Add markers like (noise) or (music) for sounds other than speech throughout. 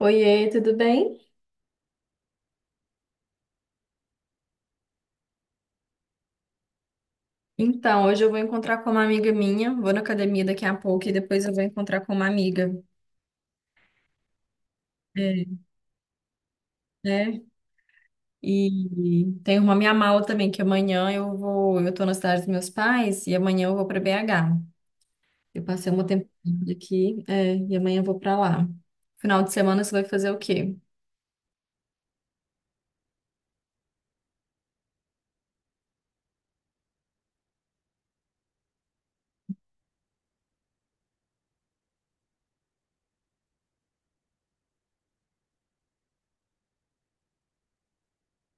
Oiê, tudo bem? Então, hoje eu vou encontrar com uma amiga minha, vou na academia daqui a pouco e depois eu vou encontrar com uma amiga. É, né? E tem uma minha mala também, que amanhã eu tô na cidade dos meus pais e amanhã eu vou para BH. Eu passei uma temporada aqui, é, e amanhã eu vou para lá. Final de semana você vai fazer o quê?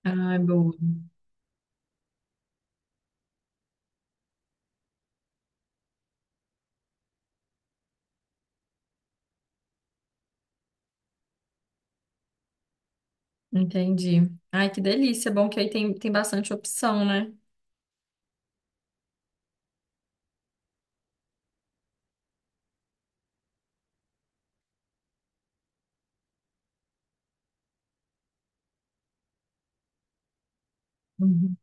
Ai, boa. Entendi. Ai, que delícia. Bom que aí tem, tem bastante opção, né? Uhum.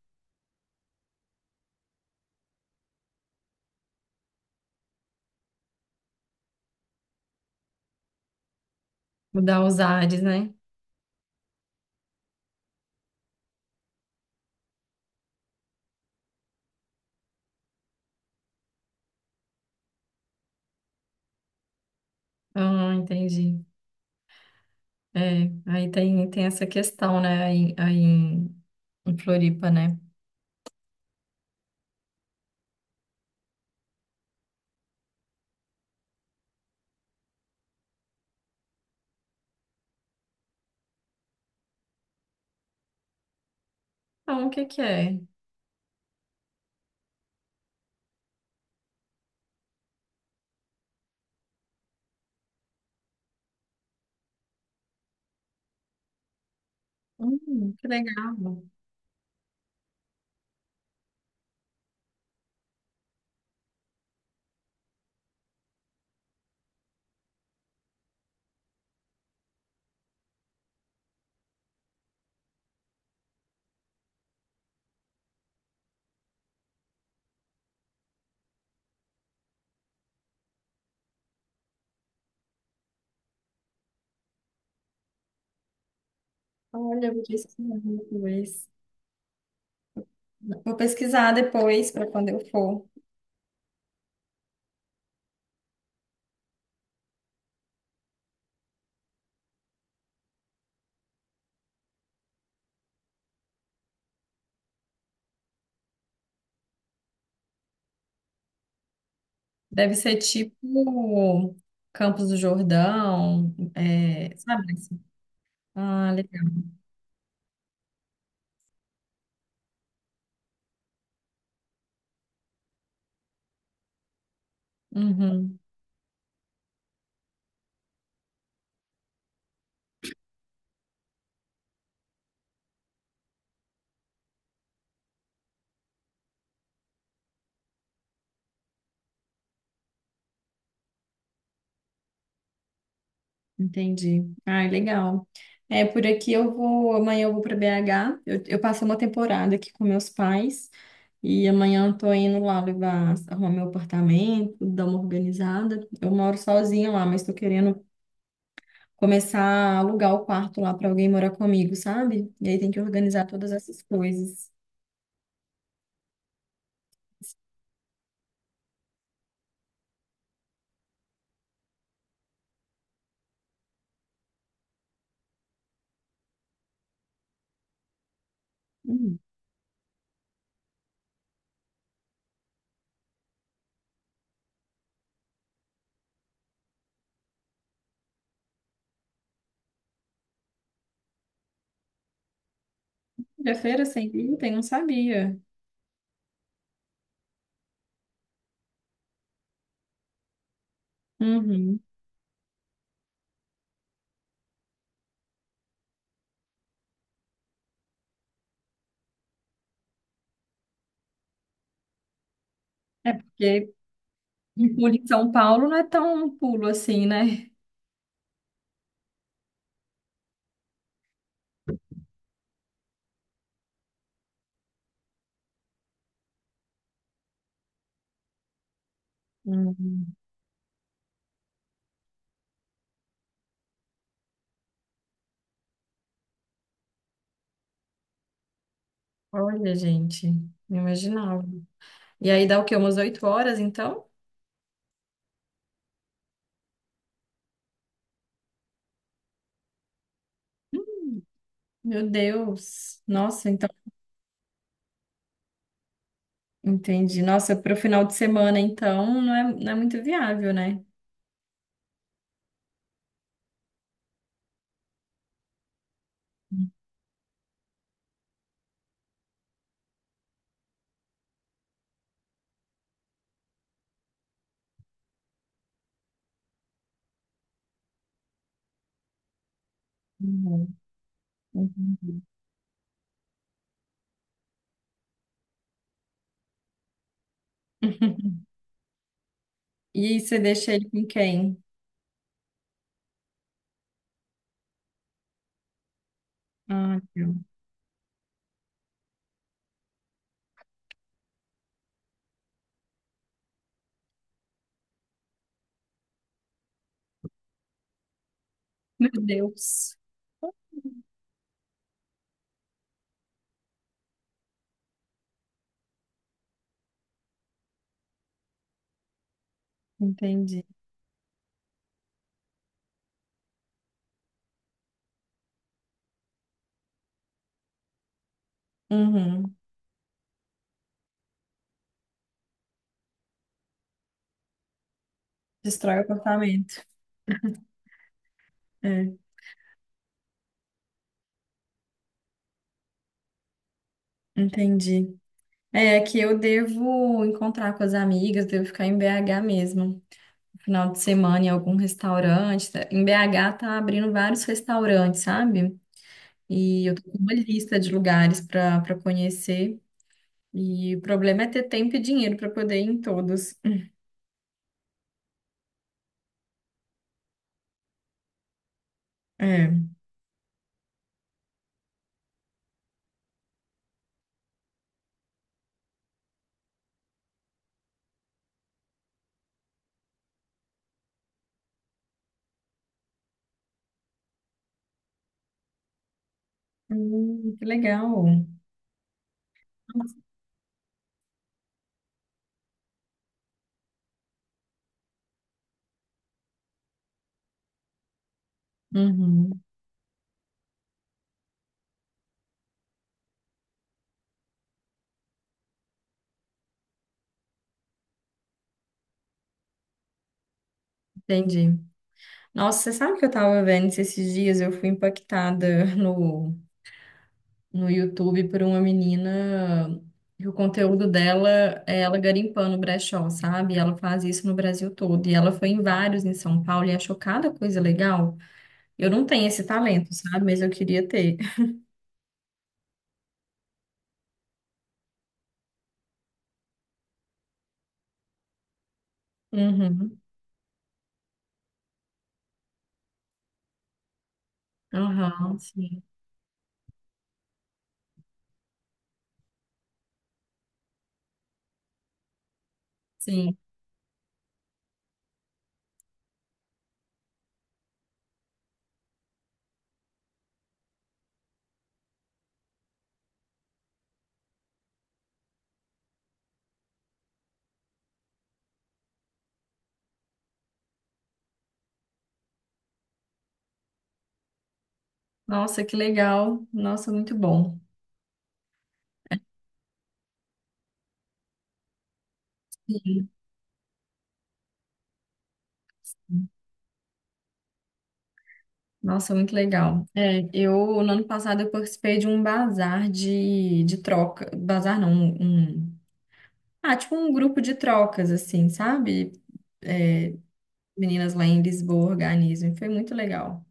Mudar os ares, né? Ah, entendi. É, aí tem essa questão, né, aí em Floripa, né? Então, o que que é? Que legal. Olha, eu vou pesquisar depois. Vou pesquisar depois para quando eu for. Deve ser tipo Campos do Jordão, é, sabe, assim? Ah, legal. Uhum. Entendi. Ai, legal. É, por aqui eu vou, amanhã eu vou para BH. Eu passei uma temporada aqui com meus pais e amanhã eu tô indo lá levar, arrumar meu apartamento, dar uma organizada. Eu moro sozinha lá, mas tô querendo começar a alugar o quarto lá para alguém morar comigo, sabe? E aí tem que organizar todas essas coisas. Hum. De feira sem glúten, não sabia. Uhum. É porque um pulo em São Paulo não é tão um pulo assim, né? Uhum. Olha, gente, não imaginava. E aí dá o quê? Umas 8 horas, então? Meu Deus. Nossa, então, entendi. Nossa, para o final de semana, então, não é, não é muito viável, né? Uhum, entendi. (laughs) E aí você deixa ele com quem? Ah, meu Deus. Entendi. Uhum. Destrói o apartamento. É, entendi. É que eu devo encontrar com as amigas, devo ficar em BH mesmo, final de semana em algum restaurante, tá? Em BH tá abrindo vários restaurantes, sabe? E eu tô com uma lista de lugares para para conhecer. E o problema é ter tempo e dinheiro para poder ir em todos. É. Que legal. Uhum, entendi. Nossa, você sabe que eu tava vendo esses dias, eu fui impactada (laughs) no YouTube por uma menina que o conteúdo dela é ela garimpando brechó, sabe? Ela faz isso no Brasil todo. E ela foi em vários em São Paulo e achou cada coisa legal. Eu não tenho esse talento, sabe? Mas eu queria ter. Uhum. Aham, sim. Sim. Nossa, que legal. Nossa, muito bom. Sim. Nossa, muito legal. É, eu, no ano passado, eu participei de um bazar de troca. Bazar não, um Ah, tipo um grupo de trocas, assim, sabe? É, meninas lá em Lisboa organizam, e foi muito legal.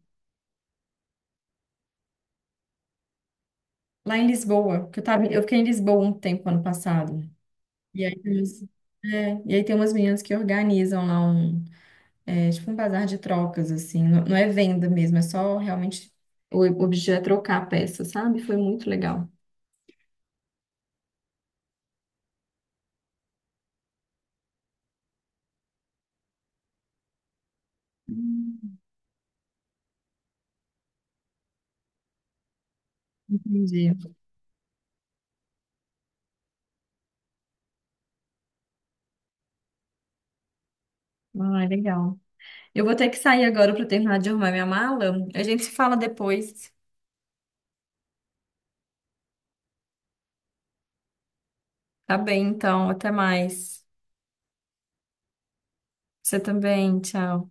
Lá em Lisboa, que eu fiquei em Lisboa um tempo ano passado. E aí, é, e aí tem umas meninas que organizam lá um, é, tipo um bazar de trocas, assim. Não, não é venda mesmo, é só realmente o objetivo é trocar a peça, sabe? Foi muito legal. Hum, Entendi. Ah, legal. Eu vou ter que sair agora para terminar de arrumar minha mala. A gente se fala depois. Tá bem, então. Até mais. Você também, tchau.